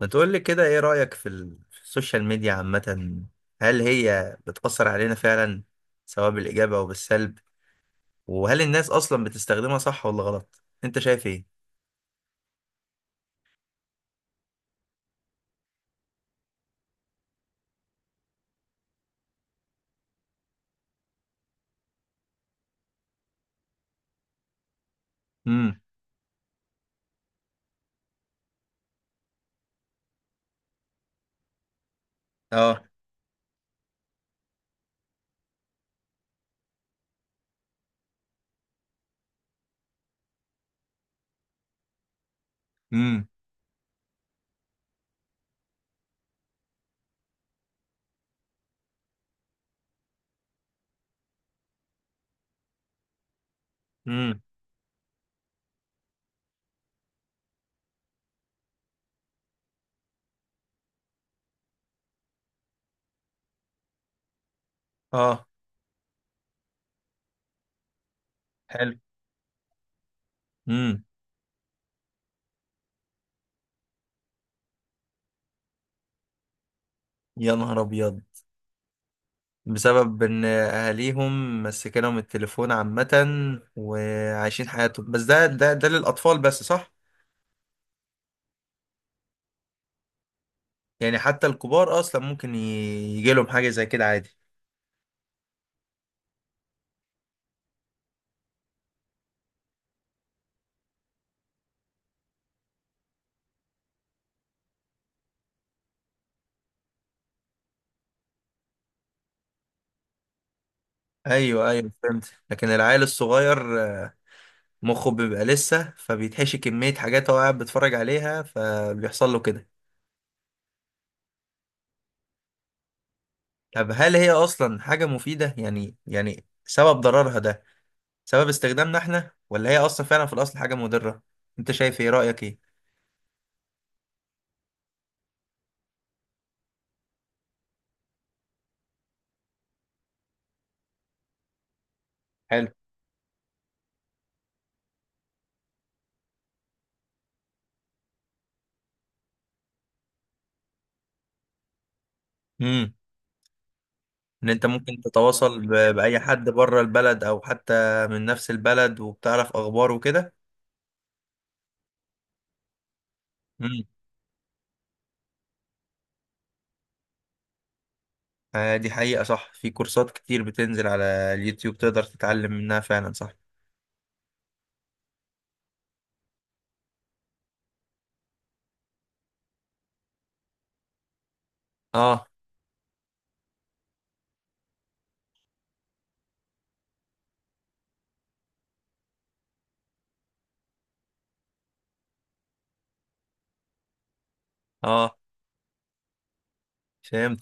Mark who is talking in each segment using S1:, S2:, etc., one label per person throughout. S1: ما تقول لي كده، ايه رأيك في السوشيال ميديا عامة؟ هل هي بتأثر علينا فعلا، سواء بالإيجاب أو بالسلب؟ وهل الناس أصلا بتستخدمها صح ولا غلط؟ انت شايف ايه؟ امم. اه. امم. امم. اه. حلو. امم. يا نهار أبيض! بسبب ان اهاليهم مسكنهم التليفون عامة، وعايشين حياتهم. بس ده للأطفال بس، صح؟ يعني حتى الكبار أصلا ممكن يجيلهم حاجة زي كده عادي. ايوه، ايوه، فهمت. لكن العيل الصغير مخه بيبقى لسه فبيتحشي كمية حاجات هو قاعد بيتفرج عليها، فبيحصل له كده. طب هل هي اصلا حاجة مفيدة؟ يعني سبب ضررها ده سبب استخدامنا احنا، ولا هي اصلا فعلا في الاصل حاجة مضرة؟ انت شايف ايه؟ رأيك ايه؟ حلو. امم. ان انت ممكن تتواصل باي حد بره البلد او حتى من نفس البلد، وبتعرف اخباره وكده. امم. دي حقيقة، صح. في كورسات كتير بتنزل على اليوتيوب، تقدر تتعلم منها فعلا، صح. اه. اه، فهمت.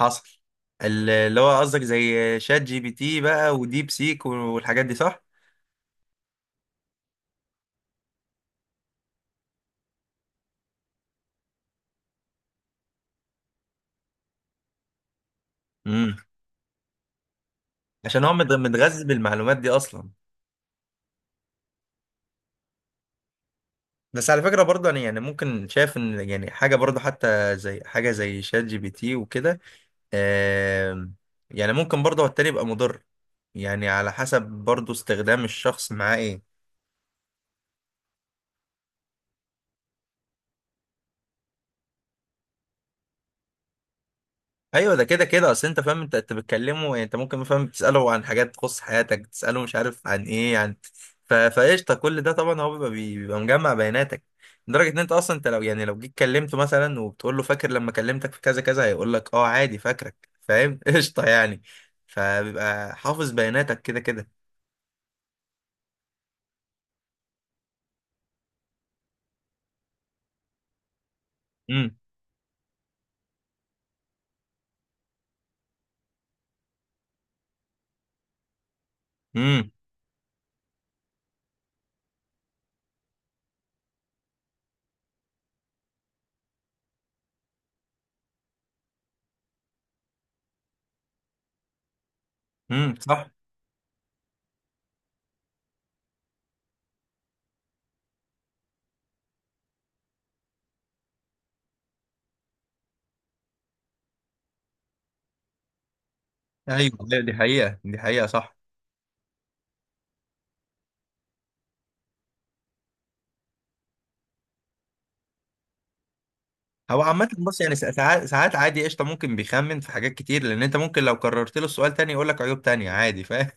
S1: حصل. اللي هو قصدك زي شات جي بي تي بقى، وديب سيك والحاجات دي، صح؟ امم. عشان هو متغذي بالمعلومات دي اصلا. بس على فكرة برضه انا، يعني ممكن شايف ان، يعني حاجة برضه حتى زي حاجة زي شات جي بي تي وكده. آم، يعني ممكن برضه هو التاني يبقى مضر. يعني على حسب برضه استخدام الشخص معاه ايه. ايوه، ده كده كده. اصل انت فاهم، انت بتكلمه، يعني انت ممكن، فاهم، تساله عن حاجات تخص حياتك، تساله مش عارف عن ايه، عن... فقشطه كل ده طبعا هو بيبقى بيبقى مجمع بياناتك. لدرجه ان انت اصلا، انت لو يعني لو جيت كلمته مثلا وبتقول له فاكر لما كلمتك في كذا كذا، هيقول لك اه عادي فاكرك، فاهم؟ قشطه يعني. فبيبقى حافظ بياناتك كده كده. امم. امم. امم. صح. ايوه، ايوه، دي حقيقه، دي حقيقه، صح. هو عامة، بص، يعني ساعات ساعات عادي، قشطة، ممكن بيخمن في حاجات كتير، لأن أنت ممكن لو كررت له السؤال تاني يقول لك عيوب تانية عادي، فاهم.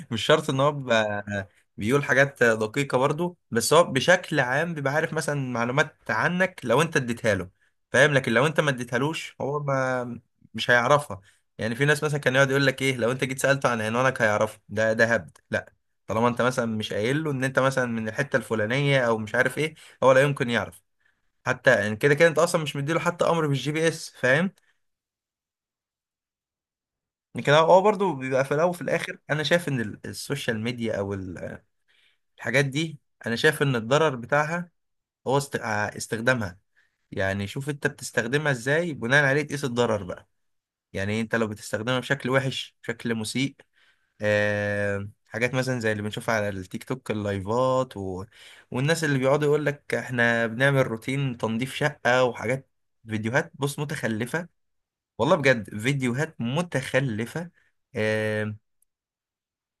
S1: مش شرط إن هو بيبقى- بيقول حاجات دقيقة برضو. بس هو بشكل عام بيبقى عارف مثلا معلومات عنك لو أنت اديتها له، فاهم؟ لكن لو أنت ما اديتهالوش، هو ما مش هيعرفها. يعني في ناس مثلا كان يقعد يقول لك إيه، لو أنت جيت سألته عن عنوانك هيعرفه. ده هبد، لا. طالما أنت مثلا مش قايل له إن أنت مثلا من الحتة الفلانية أو مش عارف إيه، هو لا يمكن يعرف. حتى يعني كده كده انت اصلا مش مديله حتى امر بالجي بي اس، فاهم. لكن هو برضه بيبقى في الاول وفي الاخر، انا شايف ان السوشيال ميديا، او الحاجات دي، انا شايف ان الضرر بتاعها هو استخدامها. يعني شوف انت بتستخدمها ازاي، بناء عليه تقيس الضرر بقى. يعني انت لو بتستخدمها بشكل وحش، بشكل مسيء، حاجات مثلا زي اللي بنشوفها على التيك توك، اللايفات و... والناس اللي بيقعدوا يقول لك احنا بنعمل روتين تنظيف شقة وحاجات. فيديوهات، بص، متخلفة. والله بجد فيديوهات متخلفة. آم،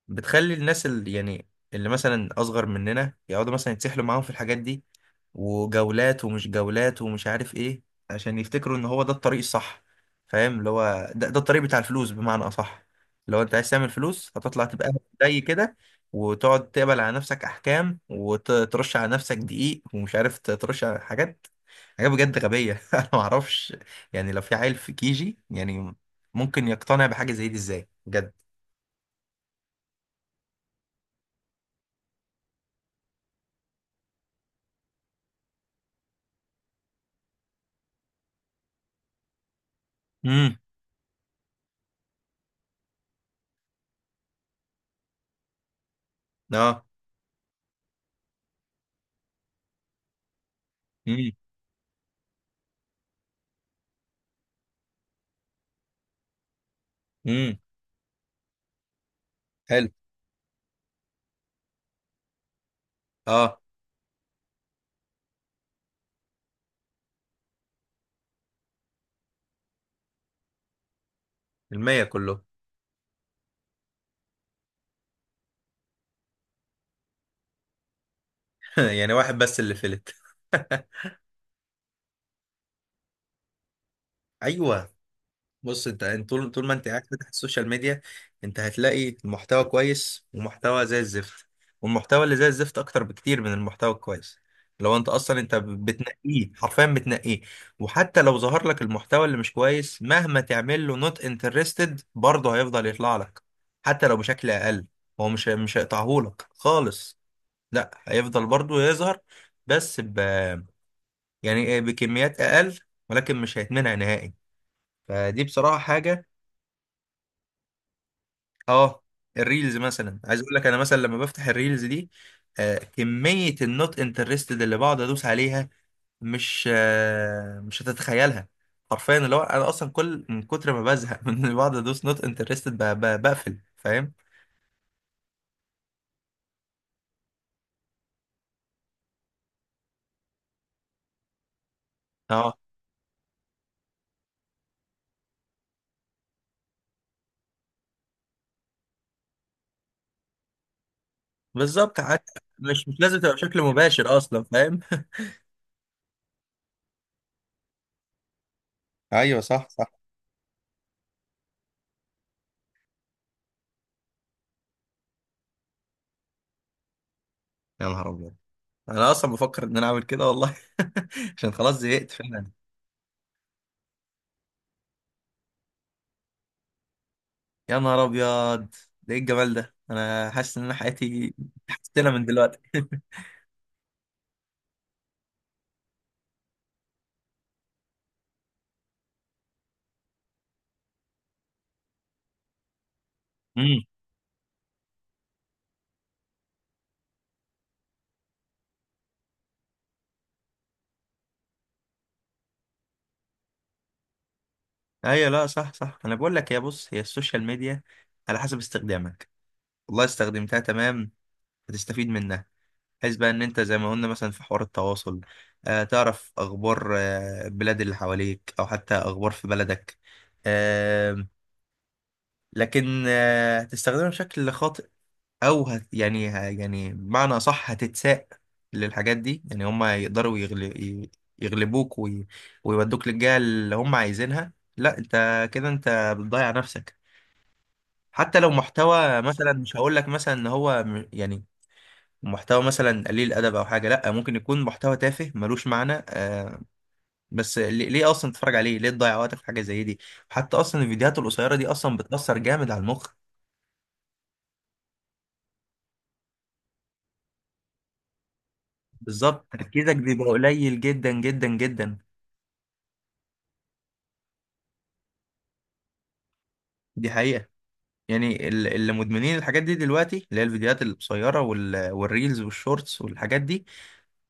S1: بتخلي الناس، اللي يعني اللي مثلا أصغر مننا، يقعدوا مثلا يتسحلوا معاهم في الحاجات دي، وجولات ومش جولات ومش عارف إيه، عشان يفتكروا إن هو ده الطريق الصح. فاهم، اللي هو ده الطريق بتاع الفلوس، بمعنى أصح. لو أنت عايز تعمل فلوس، هتطلع تبقى زي كده، وتقعد تقبل على نفسك أحكام وترش على نفسك دقيق ومش عارف ترش على حاجات. حاجة بجد غبية. أنا معرفش، يعني لو في عيل في كيجي، يعني ممكن يقتنع بحاجة زي دي إزاي، بجد؟ امم. اه. امم. امم. حلو. اه. 100 كله؟ يعني واحد بس اللي فلت. أيوه. بص انت طول طول ما انت قاعد فاتح السوشيال ميديا، انت هتلاقي محتوى كويس ومحتوى زي الزفت. والمحتوى اللي زي الزفت اكتر بكتير من المحتوى الكويس. لو انت اصلا انت بتنقيه، حرفيا بتنقيه. وحتى لو ظهر لك المحتوى اللي مش كويس، مهما تعمل له نوت انترستد، برضه هيفضل يطلع لك، حتى لو بشكل اقل. هو مش هيقطعهولك خالص. لا، هيفضل برضه يظهر. بس ب يعني إيه، بكميات اقل، ولكن مش هيتمنع نهائي. فدي بصراحة حاجة. اه. الريلز مثلا، عايز اقول لك، انا مثلا لما بفتح الريلز دي، كمية النوت انترستد اللي بقعد ادوس عليها، مش هتتخيلها. حرفيا اللي هو انا اصلا كل، من كتر ما بزهق من اللي بقعد ادوس نوت انترستد، بقفل، فاهم. اه، بالظبط. حتى مش لازم تبقى بشكل مباشر اصلا، فاهم. ايوه، صح، صح. يا نهار ابيض! انا اصلا بفكر ان انا اعمل كده والله. عشان خلاص زهقت فعلا. يا نهار ابيض! ده ايه الجمال ده! انا حاسس ان انا حياتي... حسنا، من دلوقتي. امم. ايوه، لا، صح، صح، انا بقول لك، يا، بص، هي السوشيال ميديا على حسب استخدامك. والله استخدمتها تمام، هتستفيد منها، بحيث بقى ان انت زي ما قلنا مثلا في حوار التواصل، تعرف اخبار البلاد اللي حواليك او حتى اخبار في بلدك. آه لكن هتستخدمها بشكل خاطئ، او يعني، يعني بمعنى صح، هتتساق للحاجات دي. يعني هم يقدروا يغلبوك ويودوك للجهة اللي هم عايزينها. لا، انت كده انت بتضيع نفسك. حتى لو محتوى مثلا، مش هقول لك مثلا ان هو يعني محتوى مثلا قليل ادب او حاجه، لا، ممكن يكون محتوى تافه ملوش معنى. بس ليه اصلا تتفرج عليه؟ ليه تضيع وقتك في حاجه زي دي؟ حتى اصلا الفيديوهات القصيره دي اصلا بتاثر جامد على المخ. بالظبط، تركيزك بيبقى قليل جدا جدا جدا. دي حقيقه. يعني اللي مدمنين الحاجات دي دلوقتي، اللي هي الفيديوهات القصيرة والريلز والشورتس والحاجات دي،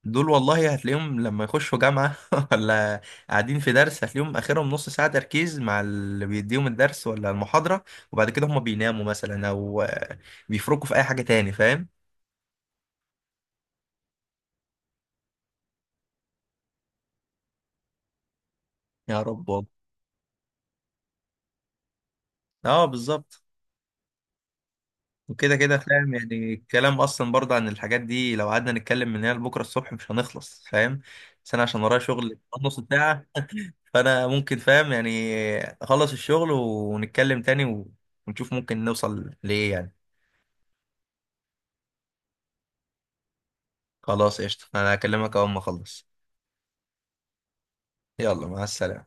S1: دول والله هتلاقيهم لما يخشوا جامعة ولا قاعدين في درس، هتلاقيهم آخرهم نص ساعة تركيز مع اللي بيديهم الدرس ولا المحاضرة. وبعد كده هم بيناموا مثلا أو بيفركوا في أي حاجة تاني، فاهم؟ يا رب، والله. اه، بالظبط. وكده كده فاهم، يعني الكلام اصلا برضه عن الحاجات دي لو قعدنا نتكلم من هنا لبكره الصبح مش هنخلص، فاهم. بس انا عشان ورايا شغل، نص ساعه، فانا ممكن، فاهم، يعني اخلص الشغل ونتكلم تاني ونشوف ممكن نوصل لايه، يعني. خلاص، قشطة، انا هكلمك اول ما اخلص. يلا، مع السلامة.